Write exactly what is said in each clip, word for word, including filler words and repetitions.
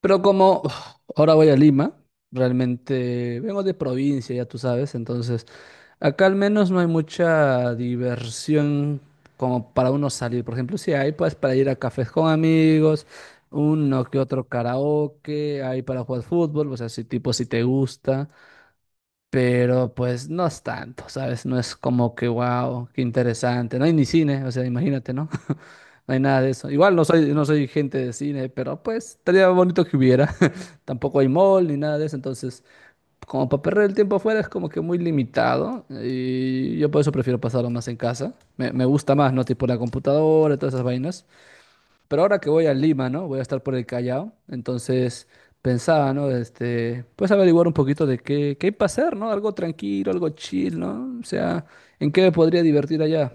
Pero como uf, ahora voy a Lima, realmente vengo de provincia, ya tú sabes. Entonces acá al menos no hay mucha diversión como para uno salir. Por ejemplo, si hay pues para ir a cafés con amigos, uno que otro karaoke, hay para jugar fútbol. O sea, si tipo, si te gusta, pero pues no es tanto, ¿sabes? No es como que, wow, qué interesante. No hay ni cine, o sea, imagínate, ¿no? No hay nada de eso. Igual no soy, no soy gente de cine, pero pues estaría bonito que hubiera. Tampoco hay mall ni nada de eso, entonces como para perder el tiempo afuera es como que muy limitado, y yo por eso prefiero pasarlo más en casa. Me, me gusta más, ¿no? Tipo la computadora, todas esas vainas. Pero ahora que voy a Lima, ¿no? Voy a estar por el Callao, entonces pensaba, ¿no? Este, pues averiguar un poquito de qué, qué hay para hacer, ¿no? Algo tranquilo, algo chill, ¿no? O sea, ¿en qué me podría divertir allá?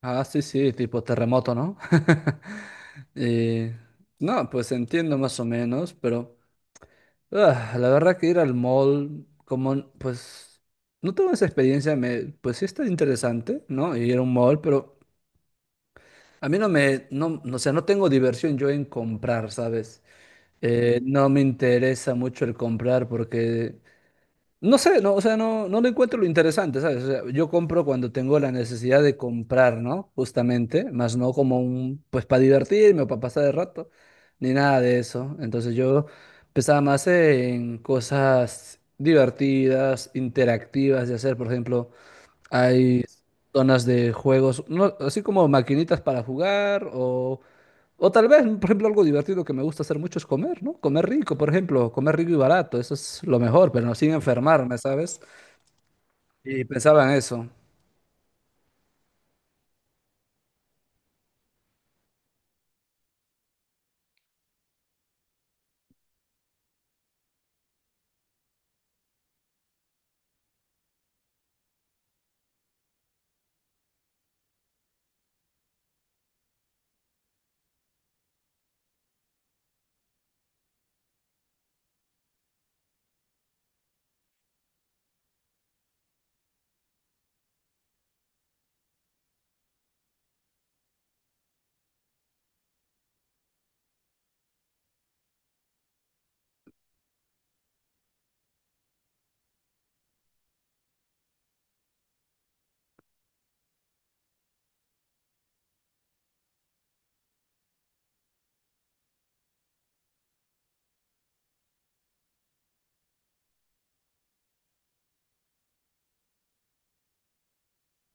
Ah, sí, sí, tipo terremoto, ¿no? Eh, no, pues entiendo más o menos. Pero ah, la verdad que ir al mall, como, n- pues, no tengo esa experiencia. me, pues sí está interesante, ¿no? Ir a un mall, pero a mí no me, no, no, o sea, no tengo diversión yo en comprar, ¿sabes? Eh, no me interesa mucho el comprar porque, no sé, no, o sea, no, no le encuentro lo interesante, ¿sabes? O sea, yo compro cuando tengo la necesidad de comprar, ¿no? Justamente, más no como un, pues, para divertirme o para pasar el rato, ni nada de eso. Entonces yo pensaba más en cosas divertidas, interactivas de hacer. Por ejemplo, hay zonas de juegos, ¿no? Así como maquinitas para jugar. O, o tal vez, por ejemplo, algo divertido que me gusta hacer mucho es comer, ¿no? Comer rico. Por ejemplo, comer rico y barato, eso es lo mejor, pero no sin enfermarme, ¿sabes? Y pensaba en eso.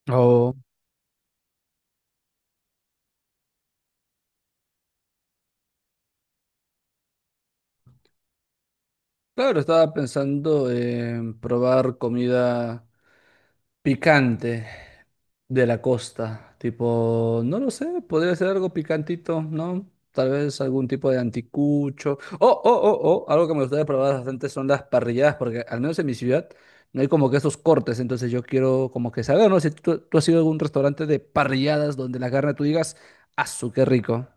O claro, estaba pensando en probar comida picante de la costa. Tipo, no lo sé, podría ser algo picantito, ¿no? Tal vez algún tipo de anticucho. Oh, oh, oh, oh, algo que me gustaría probar bastante son las parrilladas, porque al menos en mi ciudad no hay como que esos cortes. Entonces yo quiero como que saber, ¿no? Si tú, tú has ido a algún restaurante de parrilladas donde la carne tú digas, ¡asu, qué rico!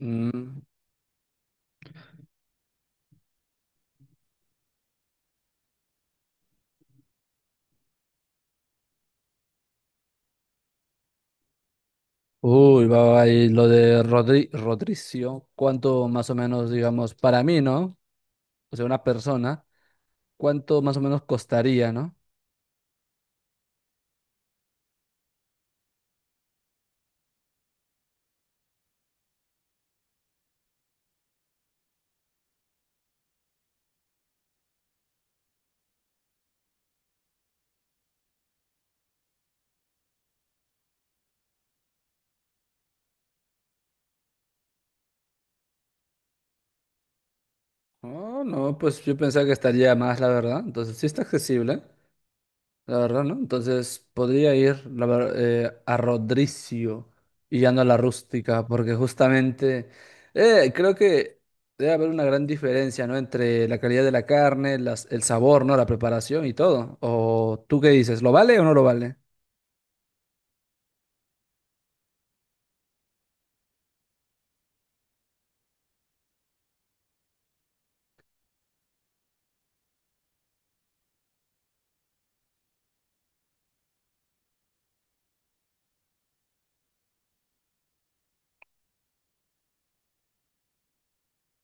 Mm. Uy, va, va, y lo de Rodri Rodricio, ¿cuánto más o menos, digamos, para mí, ¿no? O sea, una persona, ¿cuánto más o menos costaría, ¿no? Oh, no, pues yo pensaba que estaría más, la verdad. Entonces, sí está accesible, la verdad, ¿no? Entonces, podría ir la ver- eh, a Rodricio y ya no a la rústica, porque justamente eh, creo que debe haber una gran diferencia, ¿no? Entre la calidad de la carne, las, el sabor, ¿no? La preparación y todo. ¿O tú qué dices? ¿Lo vale o no lo vale?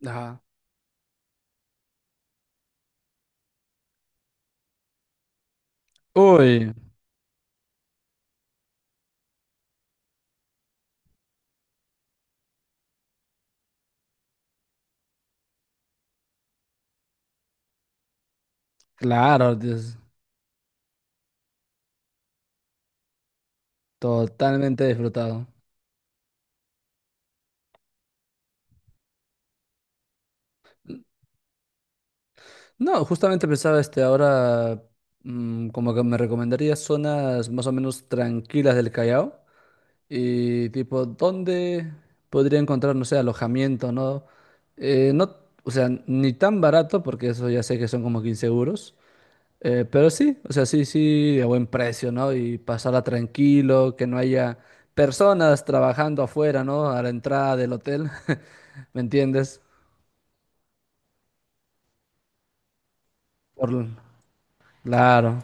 Ajá. Uy, claro, Dios, totalmente disfrutado. No, justamente pensaba este ahora, mm, como que me recomendaría zonas más o menos tranquilas del Callao y tipo dónde podría encontrar, no sé, alojamiento, ¿no? Eh, no, o sea, ni tan barato porque eso ya sé que son como quince euros. Eh, pero sí, o sea, sí, sí, a buen precio, ¿no? Y pasarla tranquilo, que no haya personas trabajando afuera, ¿no? A la entrada del hotel, ¿me entiendes? Por... l- claro.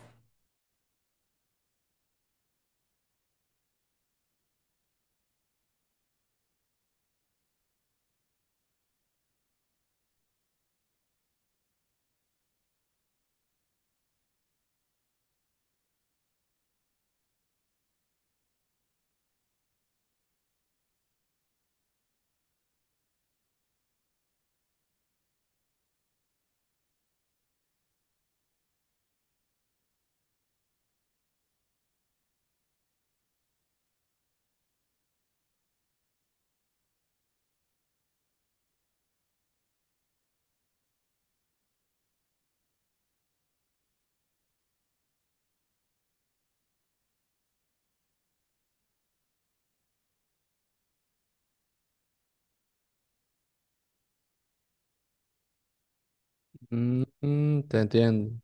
Mm, mm, te entiendo.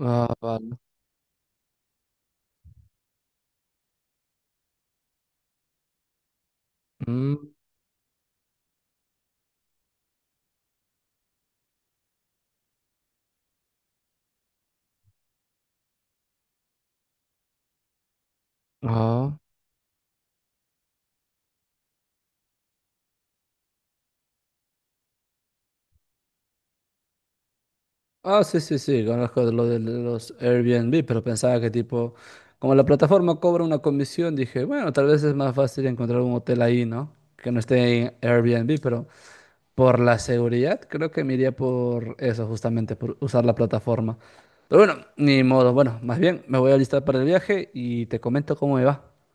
Ah, vale. Mm, ah. Ah, sí, sí, sí, conozco de lo de los Airbnb, pero pensaba que tipo, como la plataforma cobra una comisión, dije, bueno, tal vez es más fácil encontrar un hotel ahí, ¿no? Que no esté en Airbnb, pero... Por la seguridad, creo que me iría por eso, justamente, por usar la plataforma. Pero bueno, ni modo. Bueno, más bien me voy a listar para el viaje y te comento cómo me va.